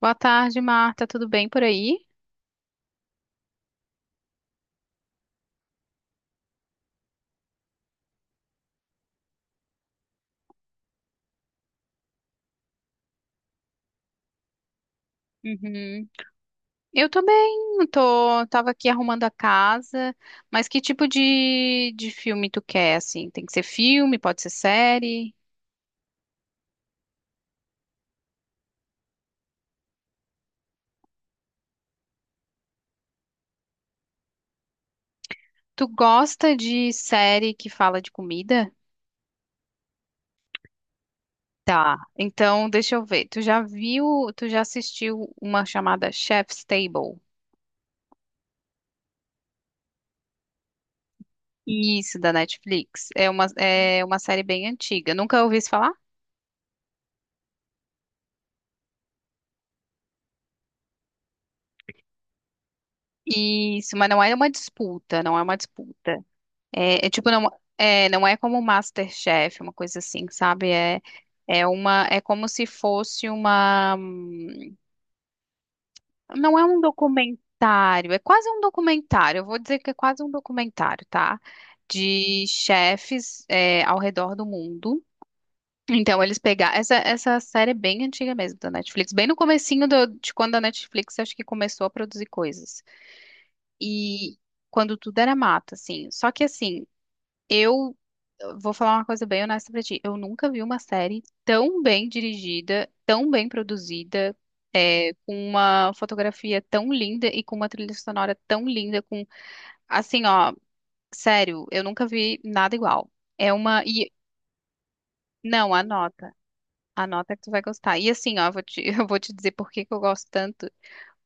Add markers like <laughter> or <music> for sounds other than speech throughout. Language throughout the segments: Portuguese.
Boa tarde, Marta. Tudo bem por aí? Uhum. Eu tô bem. Tô, tava aqui arrumando a casa. Mas que tipo de filme tu quer, assim? Tem que ser filme, pode ser série. Tu gosta de série que fala de comida? Tá. Então, deixa eu ver. Tu já assistiu uma chamada Chef's Table? Isso, da Netflix. É uma série bem antiga. Nunca ouvi isso falar? Isso, mas não é uma disputa. É, é tipo, não não é como MasterChef, uma coisa assim, sabe? É como se fosse uma, não é um documentário, é quase um documentário. Eu vou dizer que é quase um documentário, tá? De chefes, é, ao redor do mundo. Então essa série é bem antiga mesmo da Netflix, bem no comecinho de quando a Netflix acho que começou a produzir coisas. E quando tudo era mato, assim. Só que assim Eu vou falar uma coisa bem honesta pra ti. Eu nunca vi uma série tão bem dirigida, tão bem produzida, com uma fotografia tão linda e com uma trilha sonora tão linda, com assim, ó, sério, eu nunca vi nada igual. É uma e Não, anota, anota que tu vai gostar. E assim, ó, eu vou te, <laughs> eu vou te dizer por que que eu gosto tanto.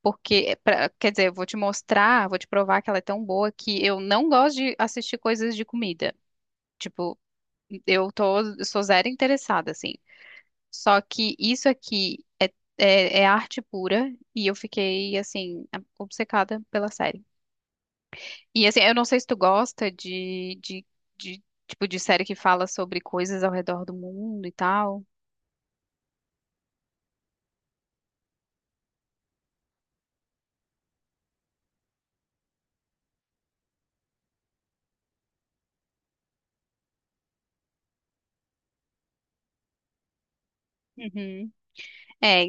Porque, quer dizer, eu vou te mostrar, vou te provar que ela é tão boa que eu não gosto de assistir coisas de comida. Tipo, eu sou zero interessada, assim. Só que isso aqui é arte pura e eu fiquei, assim, obcecada pela série. E, assim, eu não sei se tu gosta de série que fala sobre coisas ao redor do mundo e tal. Uhum. É,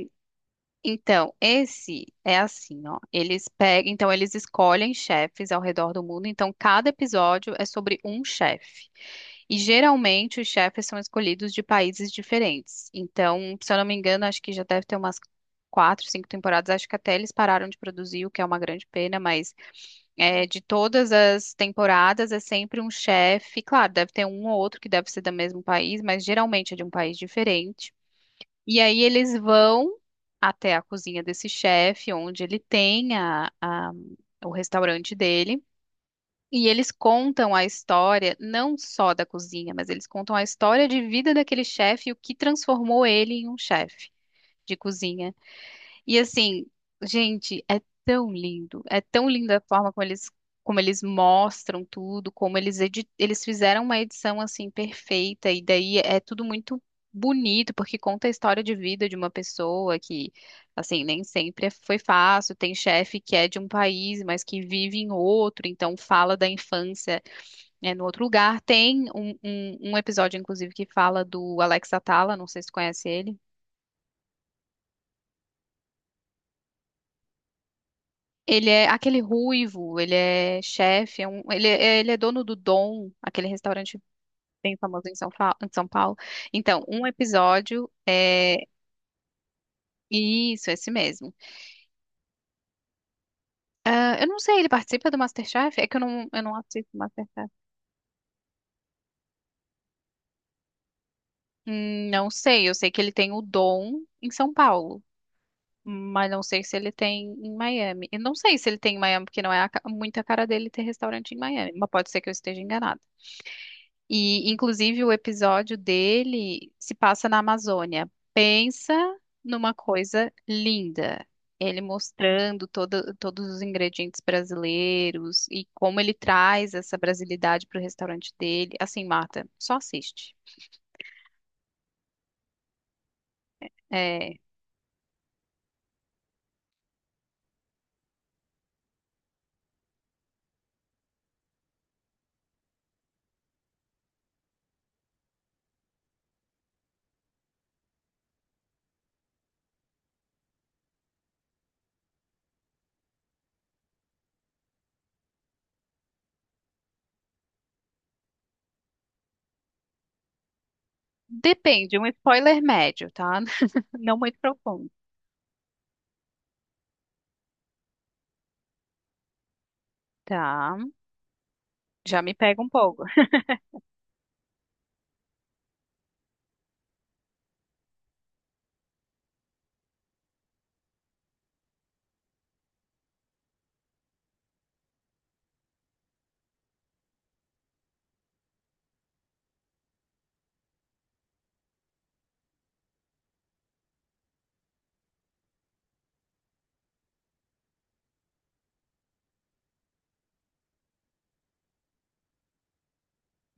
então, esse é assim, ó. Eles pegam, então eles escolhem chefes ao redor do mundo. Então, cada episódio é sobre um chefe. E geralmente os chefes são escolhidos de países diferentes. Então, se eu não me engano, acho que já deve ter umas quatro, cinco temporadas. Acho que até eles pararam de produzir, o que é uma grande pena, mas é, de todas as temporadas é sempre um chefe. Claro, deve ter um ou outro que deve ser do mesmo país, mas geralmente é de um país diferente. E aí eles vão até a cozinha desse chefe, onde ele tem o restaurante dele. E eles contam a história, não só da cozinha, mas eles contam a história de vida daquele chefe e o que transformou ele em um chefe de cozinha. E assim, gente, é tão lindo. É tão linda a forma como eles mostram tudo, como eles fizeram uma edição assim perfeita, e daí é tudo muito bonito, porque conta a história de vida de uma pessoa que, assim, nem sempre é- foi fácil. Tem chefe que é de um país, mas que vive em outro, então fala da infância, né, no outro lugar. Tem um episódio, inclusive, que fala do Alex Atala, não sei se tu conhece ele. Ele é aquele ruivo, ele é chefe, ele é dono do Dom, aquele restaurante bem famoso em em São Paulo. Então, esse mesmo. Ah, eu não sei, ele participa do MasterChef? É que eu não assisto MasterChef. Não sei, eu sei que ele tem o Dom em São Paulo, mas não sei se ele tem em Miami. Eu não sei se ele tem em Miami, porque não é muito a cara dele ter restaurante em Miami, mas pode ser que eu esteja enganada. E, inclusive, o episódio dele se passa na Amazônia. Pensa numa coisa linda. Ele mostrando todos os ingredientes brasileiros e como ele traz essa brasilidade para o restaurante dele. Assim, Marta, só assiste. É, depende, um spoiler médio, tá? <laughs> Não muito profundo. Tá. Já me pega um pouco.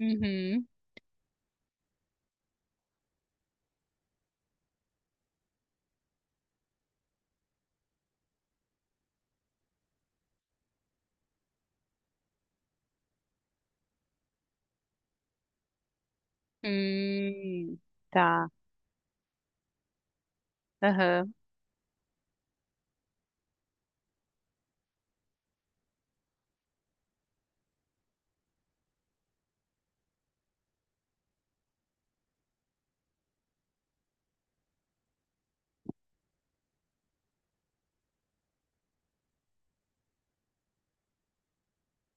Uhum. Hum, tá. Aham.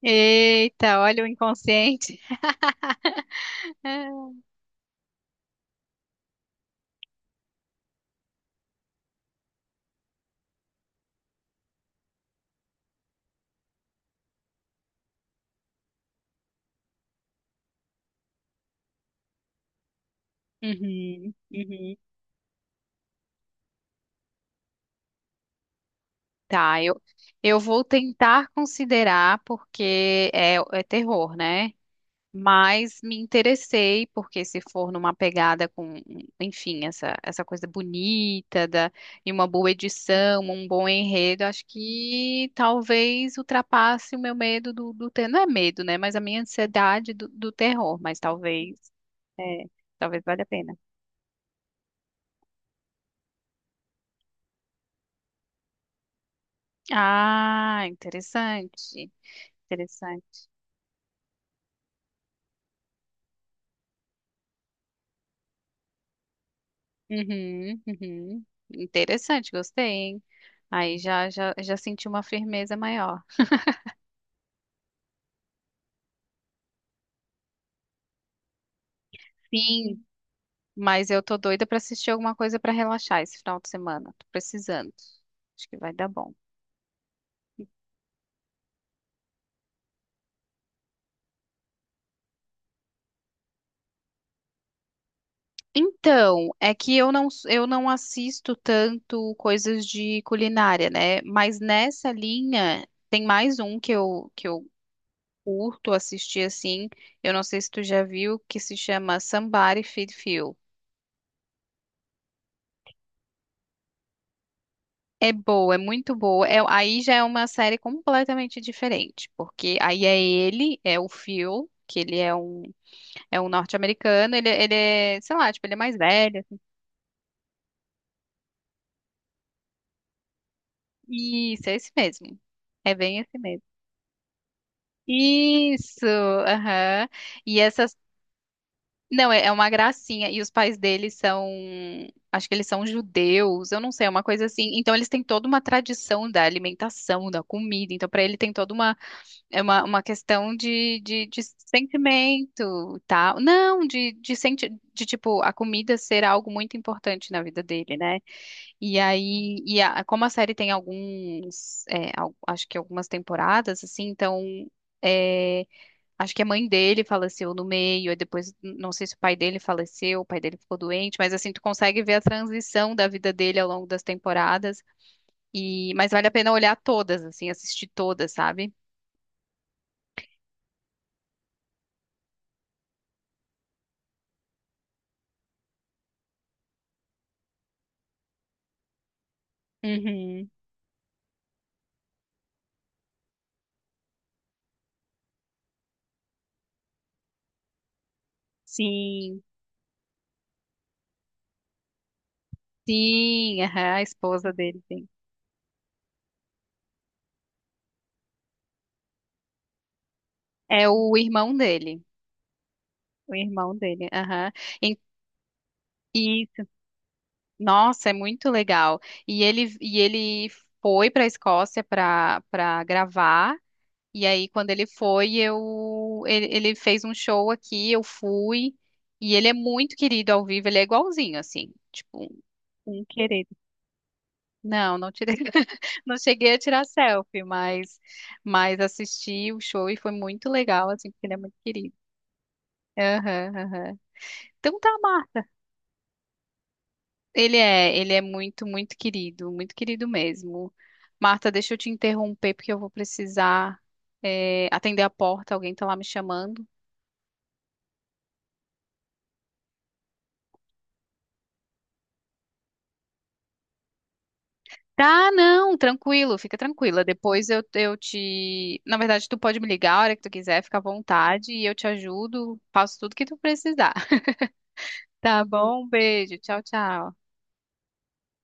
Eita, olha o inconsciente. <laughs> Uhum, uhum. Tá, eu vou tentar considerar porque é, é terror, né? Mas me interessei porque se for numa pegada com, enfim, essa coisa bonita da, e uma boa edição, um bom enredo, acho que talvez ultrapasse o meu medo do, do ter, não é medo, né? Mas a minha ansiedade do, do terror, mas talvez, é, talvez valha a pena. Ah, interessante, interessante. Uhum, uhum. Interessante, gostei, hein? Aí já, já, já senti uma firmeza maior. Sim, mas eu tô doida pra assistir alguma coisa pra relaxar esse final de semana. Tô precisando. Acho que vai dar bom. Então, é que eu não assisto tanto coisas de culinária, né? Mas nessa linha tem mais um que eu curto assistir assim. Eu não sei se tu já viu, que se chama Somebody Feed Phil. É boa, é muito boa. É- aí já é uma série completamente diferente, porque aí é ele, é o Phil, que é um norte-americano, sei lá, tipo, ele é mais velho. Assim. Isso, é esse mesmo. É bem esse mesmo. Isso, aham. E essas. Não, é, é uma gracinha. E os pais dele são. Acho que eles são judeus, eu não sei, é uma coisa assim. Então eles têm toda uma tradição da alimentação, da comida. Então, para ele tem toda uma é uma questão de sentimento, tal. Não, tipo, a comida ser algo muito importante na vida dele, né? E aí, como a série tem alguns, acho que algumas temporadas, assim, então, é, acho que a mãe dele faleceu no meio, aí depois, não sei se o pai dele faleceu, o pai dele ficou doente, mas assim, tu consegue ver a transição da vida dele ao longo das temporadas, e, mas vale a pena olhar todas, assim, assistir todas, sabe? Uhum. Sim, sim, aham, a esposa dele, sim. É o irmão dele, aham. E- Isso, nossa, é muito legal. E ele foi para a Escócia para gravar, e aí quando ele foi, ele fez um show aqui, eu fui, e ele é muito querido ao vivo, ele é igualzinho, assim, tipo, um querido. Não, não tirei, <laughs> não cheguei a tirar selfie, mas assisti o show e foi muito legal, assim, porque ele é muito querido. Aham, aham. Então tá, Marta. Ele é muito, muito querido mesmo. Marta, deixa eu te interromper porque eu vou precisar, atender a porta, alguém tá lá me chamando. Tá, não, tranquilo, fica tranquila. Depois eu te. Na verdade, tu pode me ligar a hora que tu quiser, fica à vontade e eu te ajudo, faço tudo que tu precisar. Tá bom, um beijo. Tchau, tchau.